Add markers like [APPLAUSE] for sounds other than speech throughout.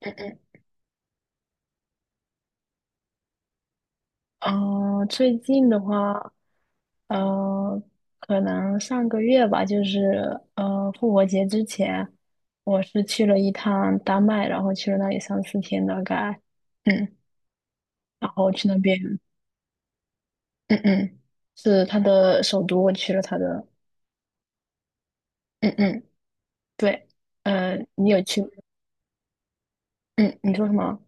嗯嗯，哦，最近的话，呃，可能上个月吧，就是复活节之前，我是去了一趟丹麦，然后去了那里3、4天大概，嗯，然后去那边，嗯嗯，是他的首都，我去了他的，嗯嗯，对，你有去吗，嗯，你说什么？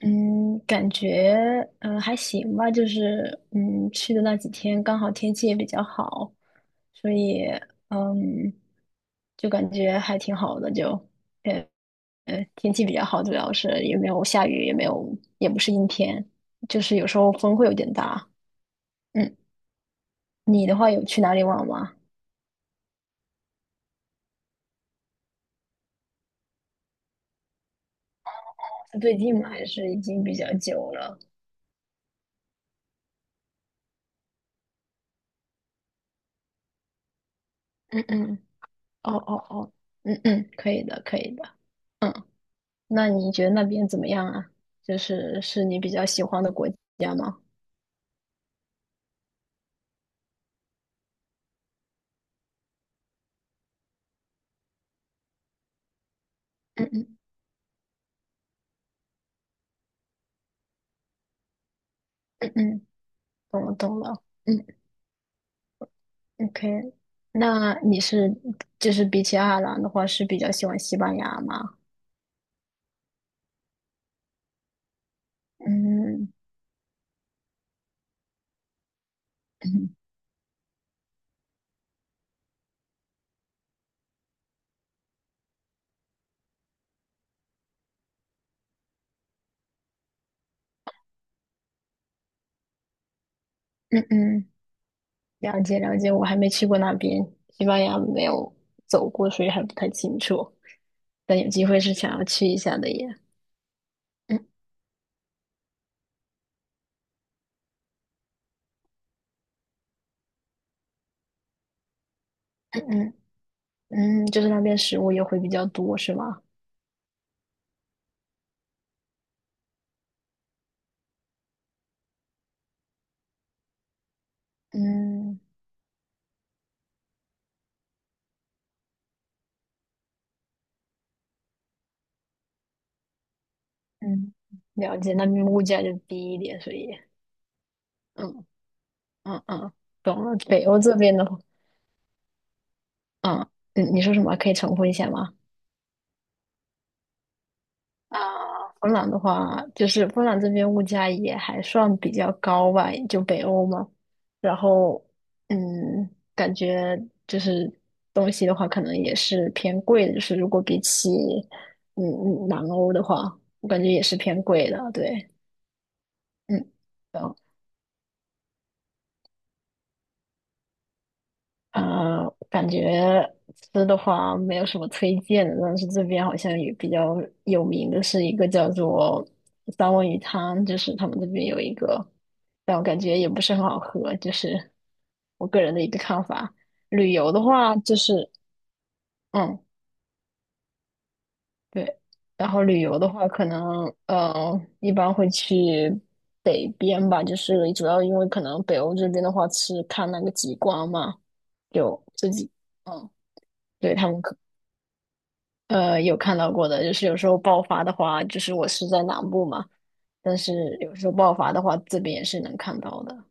嗯，感觉还行吧，就是去的那几天刚好天气也比较好，所以嗯就感觉还挺好的，就呃天气比较好，主要是也没有下雨，也没有也不是阴天，就是有时候风会有点大。嗯，你的话有去哪里玩吗？是最近吗？还是已经比较久了？嗯嗯，哦哦哦，嗯嗯，可以的，可以的。嗯。那你觉得那边怎么样啊？就是是你比较喜欢的国家吗？嗯嗯嗯嗯，懂了懂了。嗯，OK。那你是就是比起爱尔兰的话，是比较喜欢西班牙吗？嗯嗯嗯嗯，了解了解。我还没去过那边，西班牙没有走过，所以还不太清楚。但有机会是想要去一下的耶。嗯嗯嗯嗯，就是那边食物也会比较多，是吗？嗯。嗯，了解，那边物价就低一点，所以，嗯嗯嗯，懂了。北欧这边的话，嗯，嗯，你说什么？可以重复一下吗？啊，芬兰的话，就是芬兰这边物价也还算比较高吧，就北欧嘛。然后，嗯，感觉就是东西的话，可能也是偏贵的，就是如果比起南欧的话，我感觉也是偏贵的，对，嗯。懂。感觉吃的话没有什么推荐的，但是这边好像也比较有名的是一个叫做三文鱼汤，就是他们这边有一个，但我感觉也不是很好喝，就是我个人的一个看法。旅游的话，就是嗯，对，然后旅游的话，可能一般会去北边吧，就是主要因为可能北欧这边的话是看那个极光嘛，有自己嗯。对，他们可呃，有看到过的，就是有时候爆发的话，就是我是在南部嘛，但是有时候爆发的话，这边也是能看到的。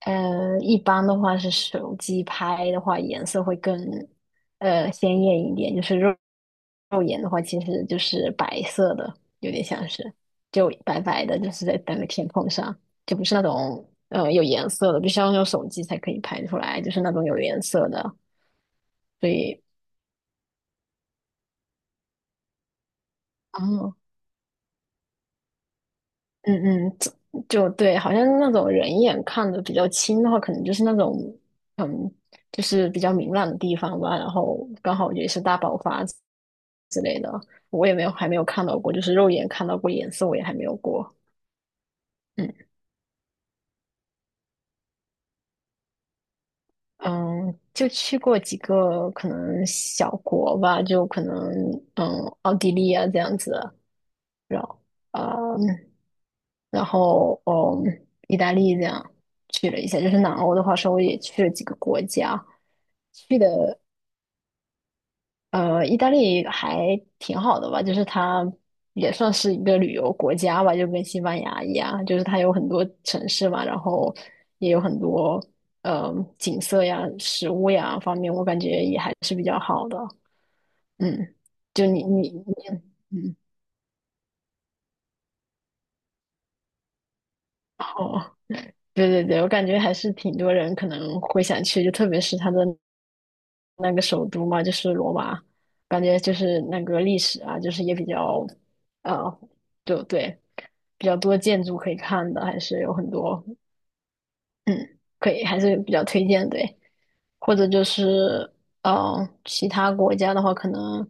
一般的话是手机拍的话，颜色会更鲜艳一点，就是肉眼的话，其实就是白色的，有点像是就白白的，就是在那个天空上，就不是那种有颜色的，必须要用手机才可以拍出来，就是那种有颜色的，所以。哦，嗯嗯，就对，好像那种人眼看的比较清的话，可能就是那种，嗯，就是比较明朗的地方吧。然后刚好也是大爆发之类的，我也没有还没有看到过，就是肉眼看到过颜色，我也还没有过。嗯嗯，就去过几个可能小国吧，就可能嗯奥地利啊这样子，然后。嗯然后意大利这样去了一下，就是南欧的话，稍微也去了几个国家，去的意大利还挺好的吧，就是它也算是一个旅游国家吧，就跟西班牙一样，就是它有很多城市嘛，然后也有很多呃景色呀、食物呀方面，我感觉也还是比较好的。嗯，就你，嗯。对对对，我感觉还是挺多人可能会想去，就特别是他的那个首都嘛，就是罗马，感觉就是那个历史啊，就是也比较，呃，就对，比较多建筑可以看的，还是有很多，嗯，可以，还是比较推荐，对。或者就是其他国家的话，可能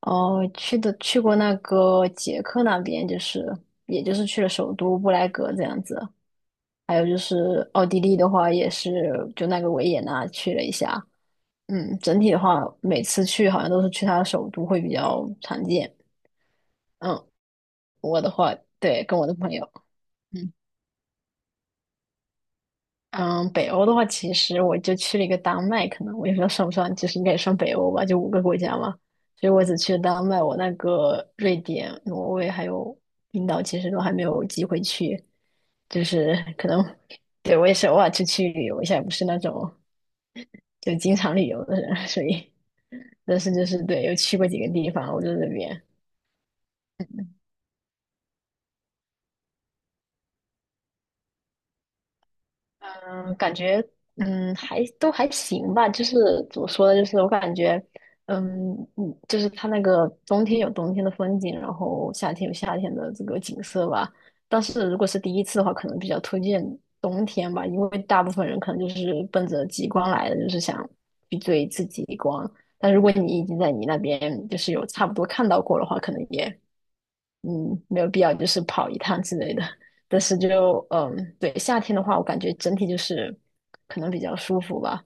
去过那个捷克那边，就是也就是去了首都布莱格这样子，还有就是奥地利的话，也是就那个维也纳去了一下。嗯，整体的话，每次去好像都是去他的首都会比较常见。嗯，我的话，对，跟我的朋友。嗯。嗯，北欧的话，其实我就去了一个丹麦，可能我也不知道算不算，就是应该也算北欧吧，就五个国家嘛。所以我只去了丹麦，我那个瑞典、挪威还有冰岛，其实都还没有机会去。就是可能，对，我也是偶尔出去旅游一下，不是那种就经常旅游的人，所以 [LAUGHS] 但是就是对，有去过几个地方，我在这边。嗯，感觉还都还行吧，就是怎么说呢，就是我感觉就是它那个冬天有冬天的风景，然后夏天有夏天的这个景色吧。但是如果是第一次的话，可能比较推荐冬天吧，因为大部分人可能就是奔着极光来的，就是想去追一次极光。但如果你已经在你那边就是有差不多看到过的话，可能也没有必要就是跑一趟之类的。但是就对，夏天的话，我感觉整体就是可能比较舒服吧，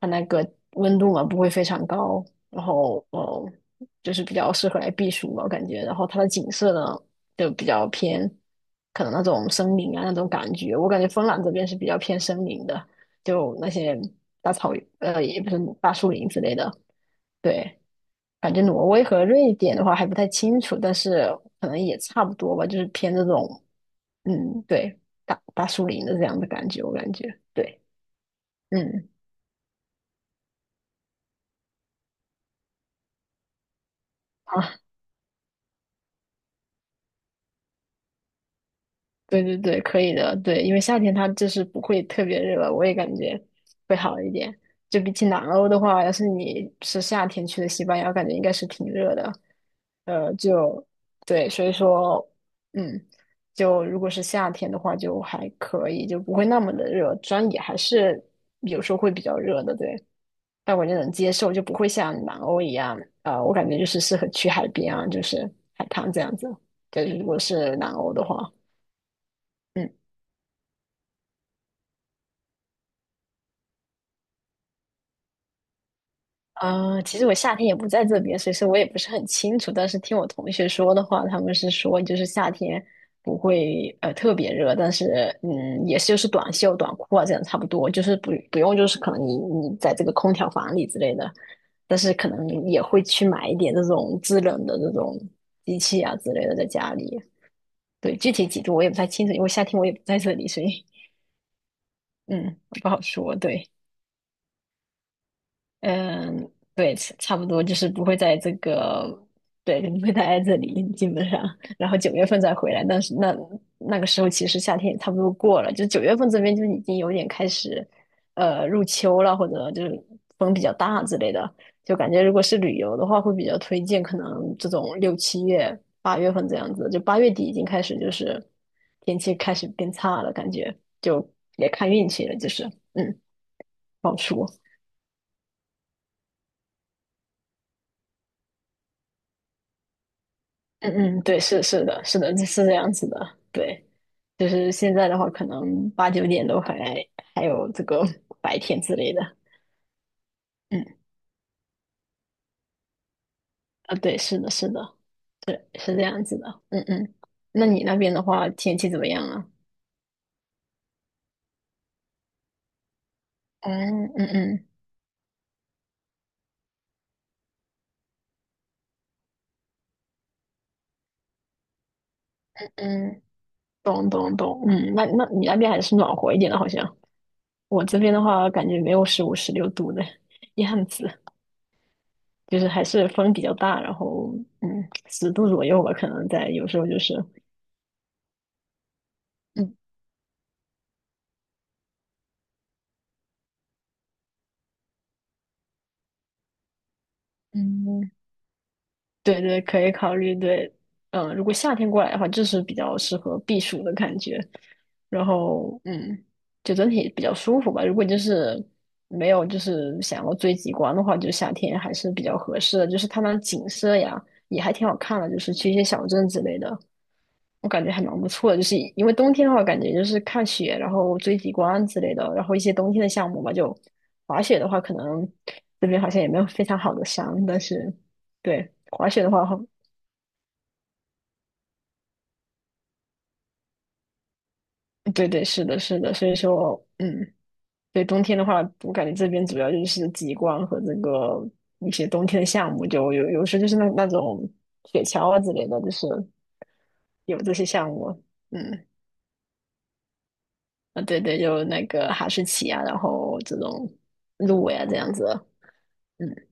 它那个温度嘛不会非常高，然后就是比较适合来避暑嘛，我感觉。然后它的景色呢就比较偏，可能那种森林啊那种感觉，我感觉芬兰这边是比较偏森林的，就那些大草原，也不是大树林之类的，对。感觉挪威和瑞典的话还不太清楚，但是可能也差不多吧，就是偏这种，嗯，对，大树林的这样的感觉，我感觉，对，嗯，好。对对对，可以的。对，因为夏天它就是不会特别热我也感觉会好一点。就比起南欧的话，要是你是夏天去的西班牙，感觉应该是挺热的。就对，所以说，嗯，就如果是夏天的话，就还可以，就不会那么的热。虽然也还是有时候会比较热的，对，但我就能接受，就不会像南欧一样。我感觉就是适合去海边啊，就是海滩这样子。对，如果是南欧的话。嗯。其实我夏天也不在这边，所以说我也不是很清楚。但是听我同学说的话，他们是说就是夏天不会特别热，但是嗯，也是就是短袖、短裤啊这样差不多，就是不用就是可能你在这个空调房里之类的，但是可能也会去买一点这种制冷的这种机器啊之类的在家里。对，具体几度我也不太清楚，因为夏天我也不在这里，所以嗯不好说。对。嗯，对，差不多就是不会在这个，对，不会待在这里，基本上，然后九月份再回来。但是那那个时候其实夏天也差不多过了，就九月份这边就已经有点开始，入秋了，或者就是风比较大之类的。就感觉如果是旅游的话，会比较推荐可能这种6、7月、8月份这样子，就8月底已经开始就是天气开始变差了，感觉就也看运气了，就是嗯，不好说。嗯嗯，对，是是的，是的，是这样子的，对，就是现在的话，可能8、9点都还有这个 [LAUGHS] 白天之类的，嗯啊，对，是的，是的，对，是这样子的，嗯嗯，那你那边的话，天气怎么样啊？嗯嗯嗯嗯，懂懂懂，嗯，那你那边还是暖和一点的，好像我这边的话，感觉没有15、16度的 [LAUGHS] 样子，就是还是风比较大，然后嗯，10度左右吧，可能在有时候就是。嗯嗯，对对，可以考虑。对，嗯，如果夏天过来的话，就是比较适合避暑的感觉。然后，嗯，就整体比较舒服吧。如果就是没有就是想要追极光的话，就夏天还是比较合适的。就是它那景色呀，也还挺好看的。就是去一些小镇之类的，我感觉还蛮不错的。就是因为冬天的话，感觉就是看雪，然后追极光之类的，然后一些冬天的项目吧。就滑雪的话，可能这边好像也没有非常好的山，但是。对，滑雪的话，对对，是的，是的，所以说，嗯，对，冬天的话，我感觉这边主要就是极光和这个一些冬天的项目，就有时就是那种雪橇啊之类的，就是有这些项目，嗯，啊，对对，有那个哈士奇啊，然后这种鹿呀、这样子，嗯。